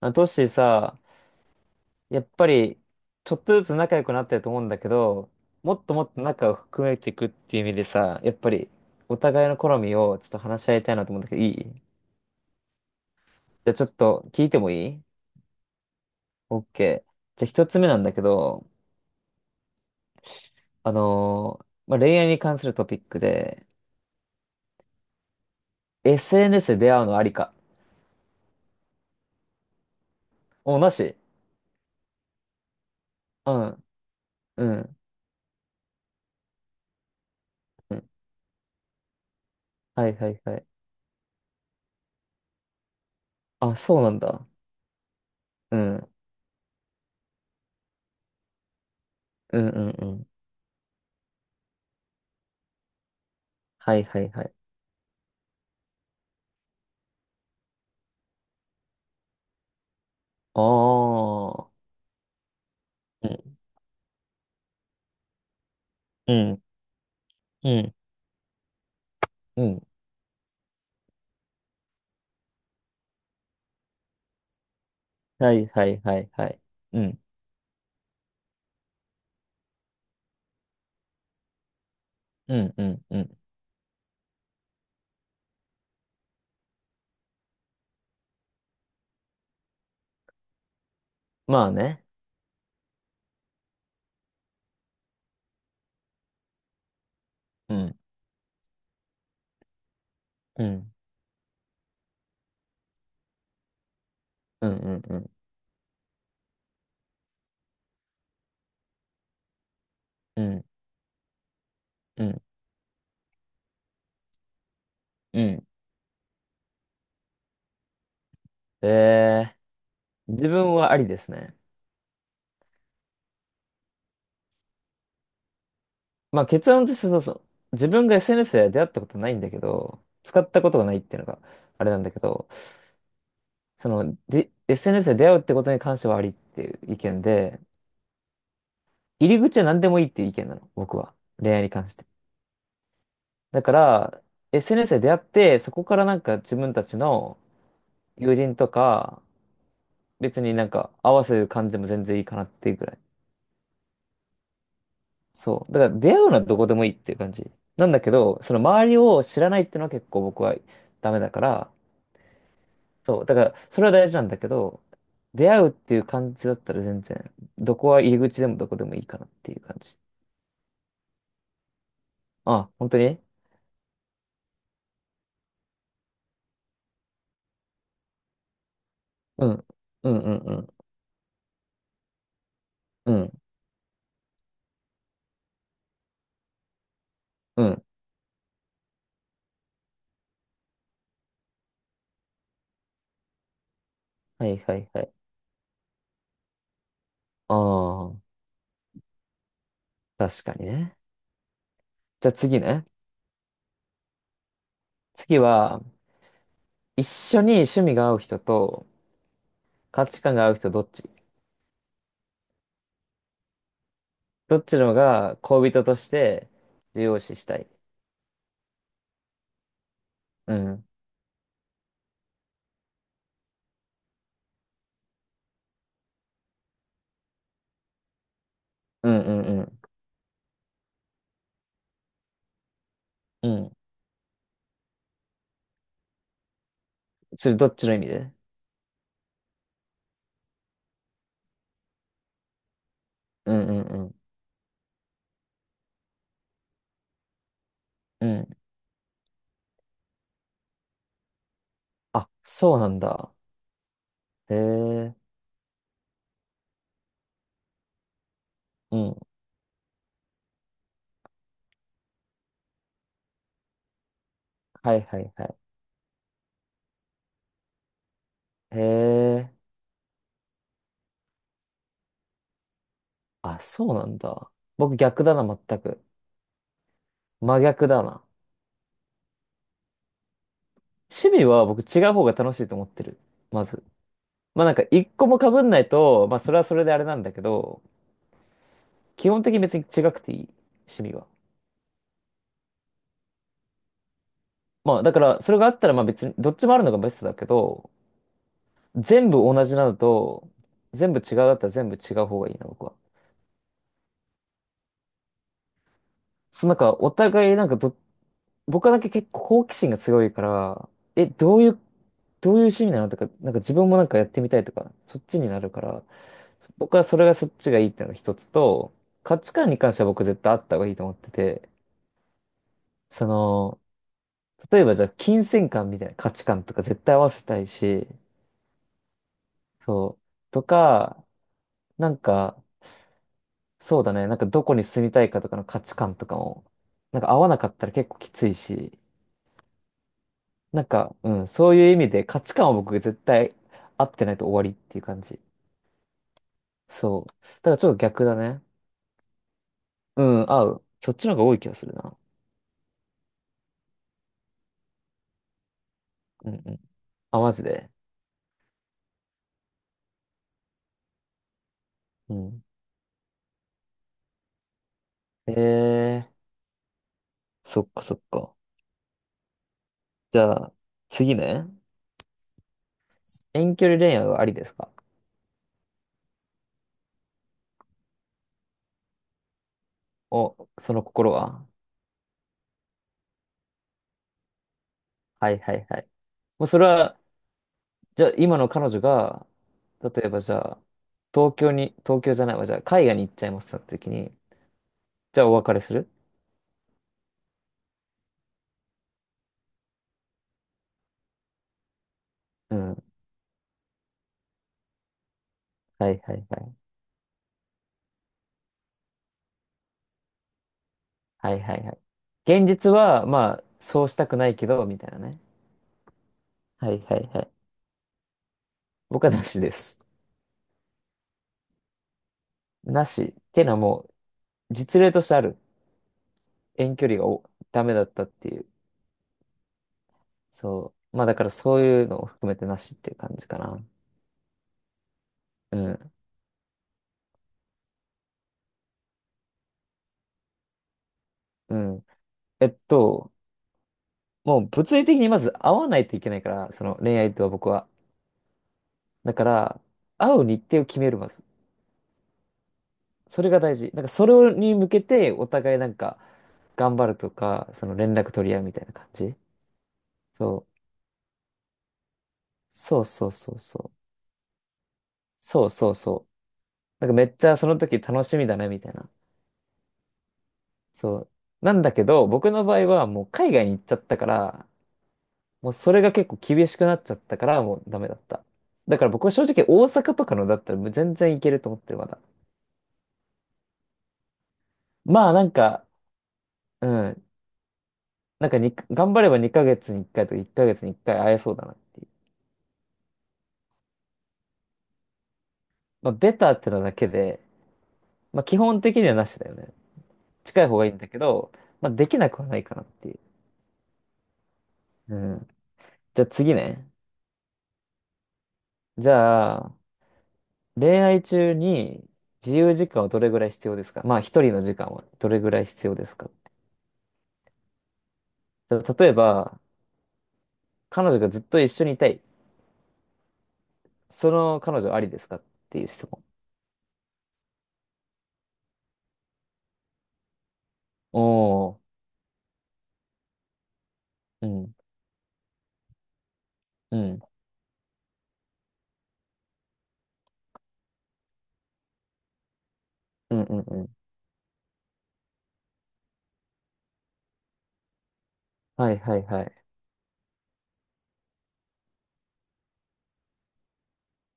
あ、トッシーさ、やっぱり、ちょっとずつ仲良くなってると思うんだけど、もっともっと仲を含めていくっていう意味でさ、やっぱり、お互いの好みをちょっと話し合いたいなと思うんだけど、いい、じゃあちょっと聞いてもいい？ OK。じゃあ一つ目なんだけど、まあ、恋愛に関するトピックで、SNS で出会うのありか。お、なし。うん、うん、うん。はいはいはい。あ、そうなんだ。うん、うん、うん、うん。はいはいはい。ああ。うん、うん。うんうん。はいはいはいはい。うん。うんうんうん。まあね。うん。うん。うんうんうん。うん。うん。うん。え自分はありですね。まあ結論としてそうそう。自分が SNS で出会ったことないんだけど、使ったことがないっていうのがあれなんだけど、その、で、SNS で出会うってことに関してはありっていう意見で、入り口は何でもいいっていう意見なの、僕は。恋愛に関して。だから、SNS で出会って、そこからなんか自分たちの友人とか、別になんか合わせる感じでも全然いいかなっていうぐらい。そう。だから出会うのはどこでもいいっていう感じ。なんだけど、その周りを知らないっていうのは結構僕はダメだから、そう。だからそれは大事なんだけど、出会うっていう感じだったら全然、どこは入り口でもどこでもいいかなっていう感じ。あ、本当に？うん。うんうんうん。うん。うん。はいはいはい。ああ、確かにね。じゃあ次ね。次は、一緒に趣味が合う人と価値観が合う人どっちのが恋人として重要視したい？うん。うんうんうん。うん。それどっちの意味で？うんうんうん。うん。あ、そうなんだ。へえ。うん。はいはいはい。へえ。あ、そうなんだ。僕逆だな、全く。真逆だな。趣味は僕違う方が楽しいと思ってる。まず。まあなんか一個も被んないと、まあそれはそれであれなんだけど、基本的に別に違くていい。趣味は。まあだからそれがあったらまあ別にどっちもあるのがベストだけど、全部同じなのと、全部違うだったら全部違う方がいいな、僕は。そのなんか、お互いなんか僕はだけ結構好奇心が強いから、え、どういう、どういう趣味なのとか、なんか自分もなんかやってみたいとか、そっちになるから、僕はそれがそっちがいいっていうのが一つと、価値観に関しては僕絶対あった方がいいと思ってて、その、例えばじゃあ金銭感みたいな価値観とか絶対合わせたいし、そう、とか、なんか、そうだね。なんかどこに住みたいかとかの価値観とかも、なんか合わなかったら結構きついし、なんか、うん、そういう意味で価値観は僕絶対合ってないと終わりっていう感じ。そう。だからちょっと逆だね。うん、合う。そっちの方が多い気がするな。うんうん。あ、マジで。うん。ええー、そっかそっか。じゃあ、次ね。遠距離恋愛はありですか？お、その心は？はいはいはい。もうそれは、じゃあ、今の彼女が、例えばじゃあ、東京に、東京じゃないわ、じゃあ、海外に行っちゃいますってなった時に、じゃあ、お別れする？うん。はいはいはい。はいはいはい。現実は、まあ、そうしたくないけど、みたいなね。はいはいはい。僕はなしです。なし。ってのはもう、実例としてある。遠距離がダメだったっていう。そう。まあ、だからそういうのを含めてなしっていう感じかな。うん。うん。えっと、もう物理的にまず会わないといけないから、その恋愛とは僕は。だから、会う日程を決める、まず。それが大事。なんか、それに向けて、お互いなんか、頑張るとか、その連絡取り合うみたいな感じ。そう。そうそうそうそう。そうそうそう。なんか、めっちゃその時楽しみだね、みたいな。そう。なんだけど、僕の場合はもう海外に行っちゃったから、もうそれが結構厳しくなっちゃったから、もうダメだった。だから僕は正直大阪とかのだったらもう全然いけると思ってる、まだ。まあなんか、うん。なんかに、頑張れば2ヶ月に1回とか1ヶ月に1回会えそうだなっていう。まあ、ベターってのだけで、まあ、基本的にはなしだよね。近い方がいいんだけど、まあ、できなくはないかなっていう。うん。じゃあ次ね。じゃあ、恋愛中に自由時間はどれぐらい必要ですか？まあ、一人の時間はどれぐらい必要ですか？じゃあ例えば、彼女がずっと一緒にいたい。その彼女ありですかっていう質問。おー。うん。うん。うんうんうん。はいはいはい。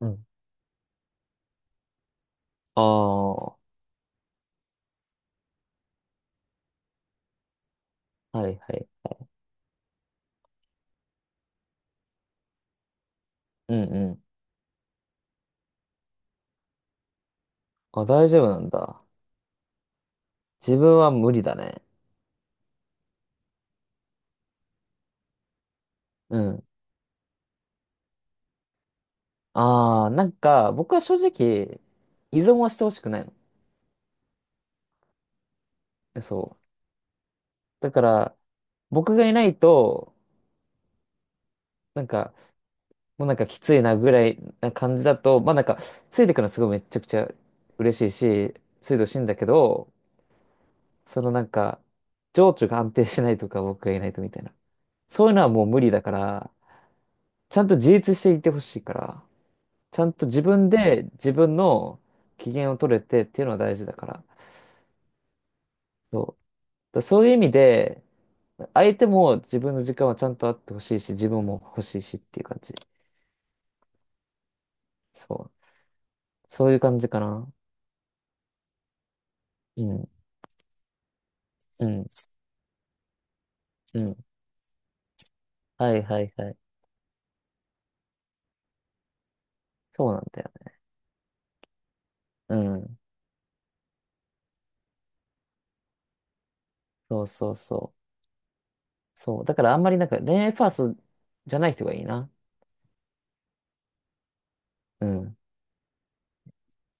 うん。ああ。はいはい。うんうん。あ、大丈夫なんだ。自分は無理だね。うん。ああ、なんか、僕は正直、依存はしてほしくないの。え、そう。だから、僕がいないと、なんか、もうなんかきついなぐらいな感じだと、まあなんか、ついてくのすごいめっちゃくちゃ嬉しいし、ついてほしいんだけど、そのなんか、情緒が安定しないとか、僕がいないとみたいな。そういうのはもう無理だから、ちゃんと自立していてほしいから。ちゃんと自分で自分の機嫌を取れてっていうのは大事だから。そう。だからそういう意味で、相手も自分の時間はちゃんとあってほしいし、自分も欲しいしっていう感じ。そう。そういう感じかな。うん。うん。うん。はいはいはい。そうなんだよね。うん。そうそうそう。そう。だからあんまりなんか恋愛ファーストじゃない人がいいな。うん。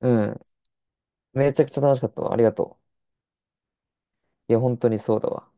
うん。めちゃくちゃ楽しかったわ。ありがとう。いや、本当にそうだわ。